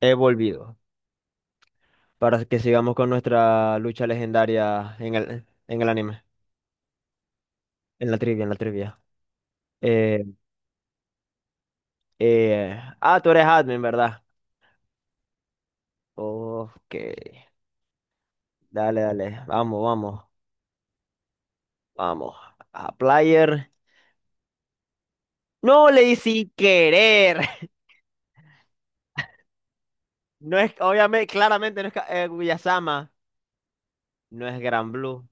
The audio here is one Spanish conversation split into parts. He volvido para que sigamos con nuestra lucha legendaria en el anime, en la trivia. Eh, Tú eres admin, ¿verdad? Ok. Dale, dale. Vamos, vamos, vamos. A player. No leí sin querer. No es, obviamente, claramente no es Guyasama. No es Gran Blue.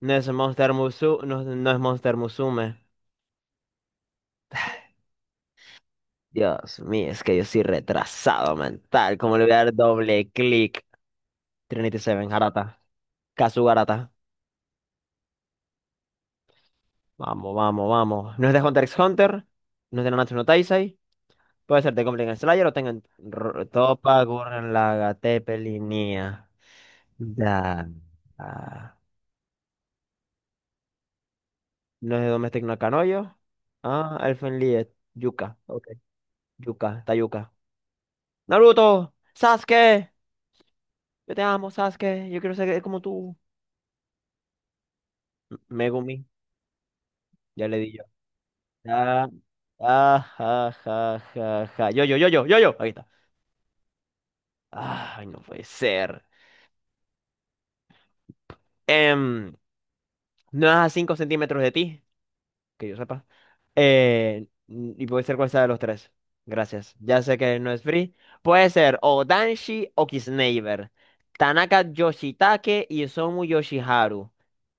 No es no, no es Monster Musume. Dios mío, es que yo soy retrasado mental. ¿Cómo le voy a dar doble clic? Trinity Seven, Harata. Kasugarata. Vamos, vamos, vamos. No es de Hunter x Hunter. No es de Nanatsu no Taizai. Puede ser de Goblin Slayer o tengan Toppa, Gurren Lagann, Teppel y Nia. Da. Ah. No es de Domestic no Kanoyo. Ah, Elfen Lied. Yuka. Ok. Yuka, está Yuka. Naruto, Sasuke. Yo te amo, Sasuke. Yo quiero ser como tú. Megumi. Ya le di yo. Ah, ah, ja, ja, ja, ja. Yo, yo, yo, yo, yo, yo. Ahí está. Ah, ay, no puede ser. em, no es a 5 centímetros de ti, que yo sepa. Y puede ser cual sea de los tres. Gracias. Ya sé que no es free. Puede ser o Danshi o Kisneiver. Tanaka Yoshitake y Isomu Yoshiharu.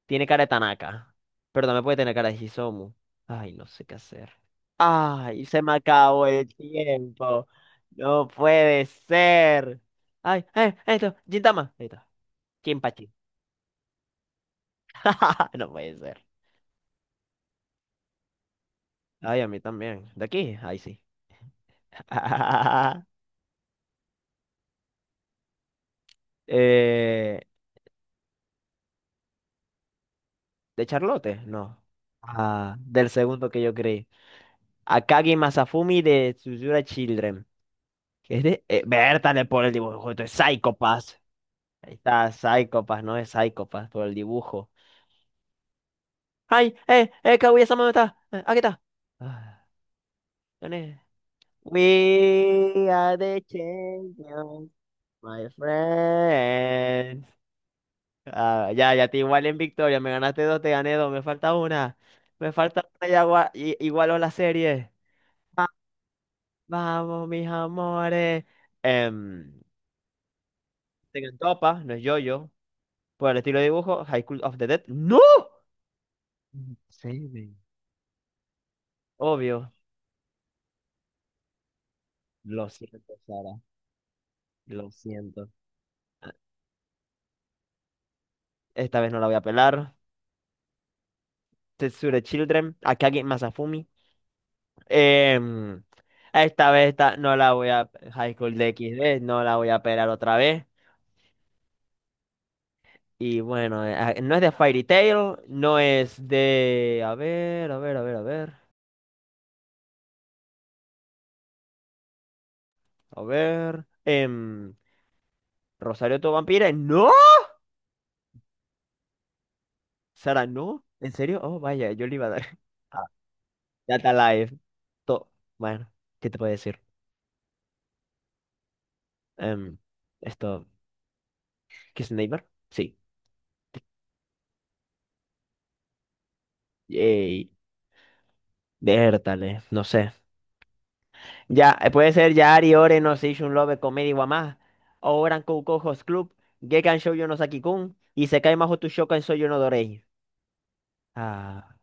Tiene cara de Tanaka. Pero también puede tener cara de Hisomu. Ay, no sé qué hacer. Ay, se me acabó el tiempo. No puede ser. Ay, ay, esto, Gintama. Ahí está. Jinpachi. No puede ser. Ay, a mí también. ¿De aquí? Ay, sí. Eh, ¿De Charlotte? No. Ah, del segundo que yo creí. Akagi Masafumi de Tsuzura Children. Que es de. Bertale por el dibujo. Esto es Psychopass. Ahí está, Psychopass, no es Psychopass, por el dibujo. ¡Ay! ¡Kaguya-sama no está! ¡Aquí está! Ah, ¿dónde es? We are the champions, my friend. Ah, ya te igualé en victoria. Me ganaste dos, te gané dos. Me falta una. Me falta una y igualo la serie. Ah, vamos, mis amores. Em, Tengan topa, no es yo-yo. Por el estilo de dibujo, High School of the Dead. ¡No! Seven. Obvio. Lo siento, Sara. Lo siento. Esta vez no la voy a pelar. Tetsure Children. Akagi Masafumi. Em, Esta vez esta, no la voy a. High School de X D no la voy a pelar otra vez. Y bueno, no es de Fairy Tail, no es de. A ver, a ver, a ver, a ver. A ver. Rosario to Vampire. ¡No! Sara, no. ¿En serio? Oh, vaya, yo le iba a dar. Ah, Data Live. To- Bueno, ¿qué te puedo decir? Em, esto. ¿Kiss the Neighbor? Sí. Yay. Vértale, no sé. Ya, puede ser Yari, Ore, no Seishun Love, Comedy Wamás, Oran Koukou Host Club, Gekan Shoujo no Saki-kun, y Isekai Mahou to Shokan Soyo no Dorei. Ah,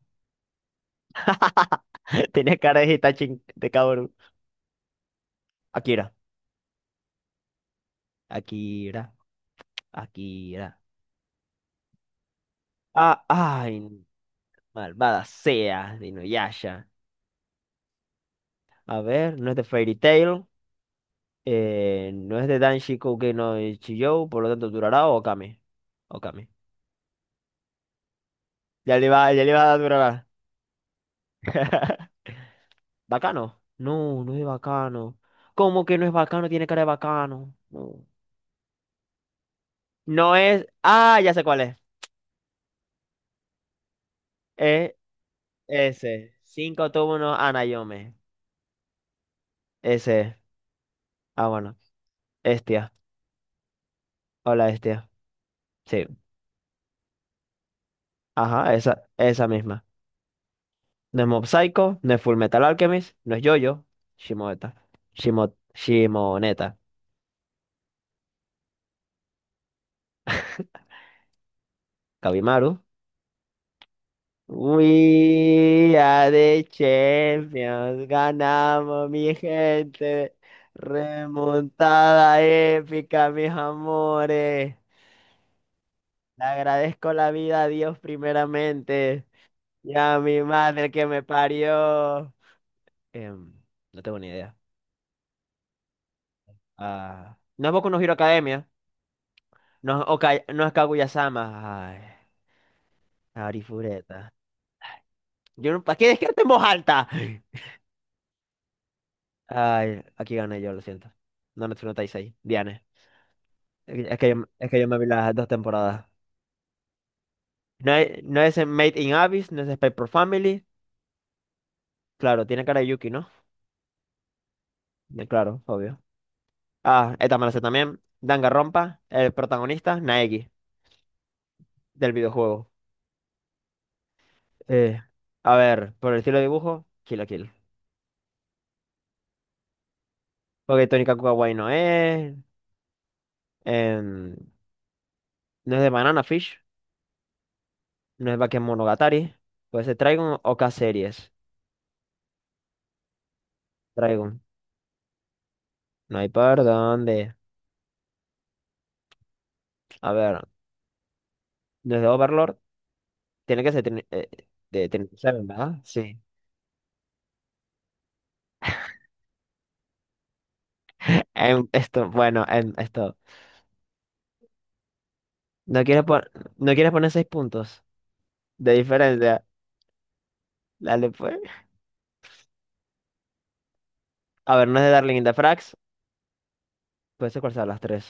tenía cara de Hitachi, de cabrón. Akira, Akira, Akira. Ah, ay, malvada sea, de Inuyasha. A ver, no es de Fairy Tail, no es de Danshi Koukei no Chiyou, por lo tanto, Durará o Okame. Okame. Ya le va a dar Durará. ¿Bacano? No, no es de bacano. ¿Cómo que no es bacano? Tiene cara de bacano. No. No es. Ah, ya sé cuál es. Es ese. Cinco túmulos Anayome. Ese. Ah, bueno. Estia. Hola, Estia. Sí. Ajá, esa misma. No es Mob Psycho, no es Full Metal Alchemist, no es Jojo, Shimoeta. Shimoneta. Kabimaru. We are the champions. Ganamos, mi gente. Remontada épica, mis amores. Le agradezco la vida a Dios primeramente y a mi madre que me parió. Em, no tengo ni idea. Ah, no es Boku no Hero Academia. No es Kaguya-sama. Ay, Arifureta. Yo no, ¿para qué describiste en voz alta? Ay, aquí gané yo, lo siento. No, no, no estáis ahí. Diane. Es que yo me vi las 2 temporadas. No, no es en Made in Abyss, no es Spy for Family. Claro, tiene cara de Yuki, ¿no? Claro, obvio. Ah, esta me la sé también. Danganronpa, el protagonista, Naegi, del videojuego. Eh, a ver, por el estilo de dibujo, Kill la Kill. Porque Tony Kakuga Guay no es. em, no es de Banana Fish, no es Bakemonogatari, puede ser Trigun o K-Series. Trigun, no hay por dónde. A ver, no es de Overlord, tiene que ser de Trinity Seven, ¿verdad? Sí. Esto, bueno, esto. No quieres, pon- no quieres poner 6 puntos de diferencia. Dale, pues. A ver, no es de Darling in the Franxx, puede ser cuál de las tres.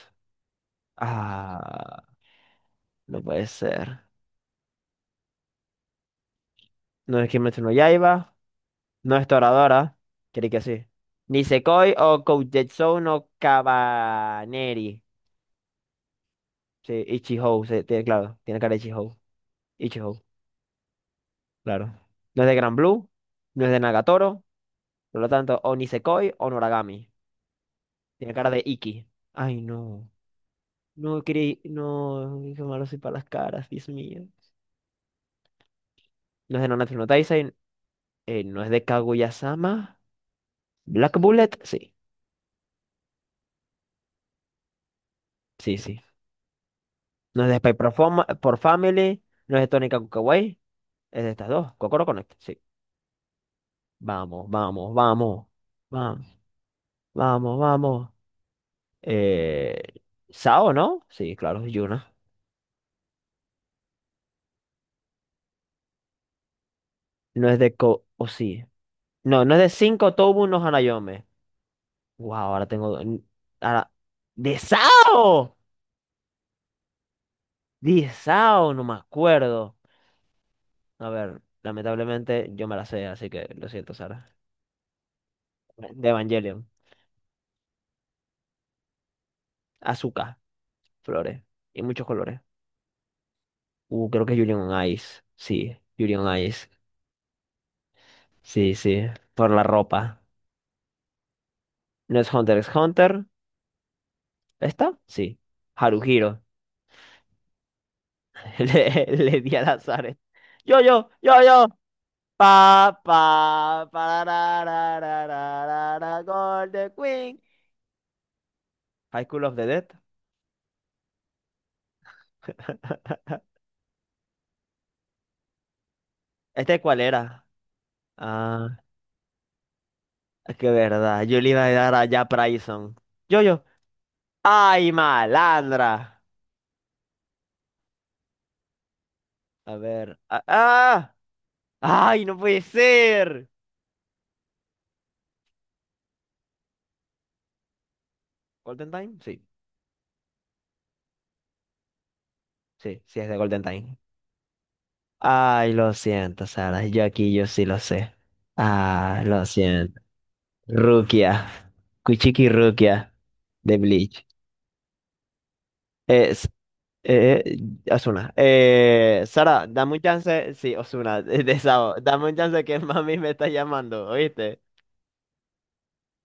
Ah, no puede ser. No es Kimetsu no Yaiba. No es Toradora, creí que sí. Nisekoi o Koujutsu no Kabaneri. Sí, Ichihou, sí, claro, tiene cara de Ichihou. Ichihou, claro. No es de Gran Blue, no es de Nagatoro, por lo tanto, o Nisekoi o Noragami. Tiene cara de Iki. Ay, no. No creí, no, qué malo soy para las caras, Dios mío. No es de Nanatsu no Taizai, no es de Kaguya-sama. Black Bullet, sí, sí, sí. No es de Spy por Family, no es de Tony Kakukawai. Es de estas dos. Cocoro Connect, sí. Vamos, vamos, vamos. Vamos, vamos, vamos. Eh, Sao, ¿no? Sí, claro, es Yuna. No es de O sí. No, no es de 5 Tobu no Hanayome. Wow, ahora tengo. Ahora. ¡De Sao! ¡De Sao! No me acuerdo. A ver, lamentablemente yo me la sé, así que lo siento, Sara. De Evangelion. Azúcar, flores. Y muchos colores. Creo que es Julian on Ice. Sí, Julian on Ice. Sí, sí, por la ropa. ¿No es Hunter x Hunter? ¿Esta? Sí. Haruhiro. Le di al azar. Yo, yo, yo, yo. Pa, pa, pa, ra, ra, ra, ra, ra, ra, Golden Queen. High School of the Dead. ¿Este cuál era? Ah, qué verdad. Yo le iba a dar a Jack Bryson. Yo, yo. ¡Ay, malandra! A ver. ¡Ah! Ah. ¡Ay, no puede ser! ¿Golden Time? Sí, sí, sí es de Golden Time. Ay, lo siento, Sara. Yo aquí, yo sí lo sé. Ah, lo siento. Rukia. Kuchiki Rukia de Bleach. Es, eh, Osuna. Sara, dame un chance. Sí, Osuna, de Sao. Dame un chance que mami me está llamando, ¿oíste?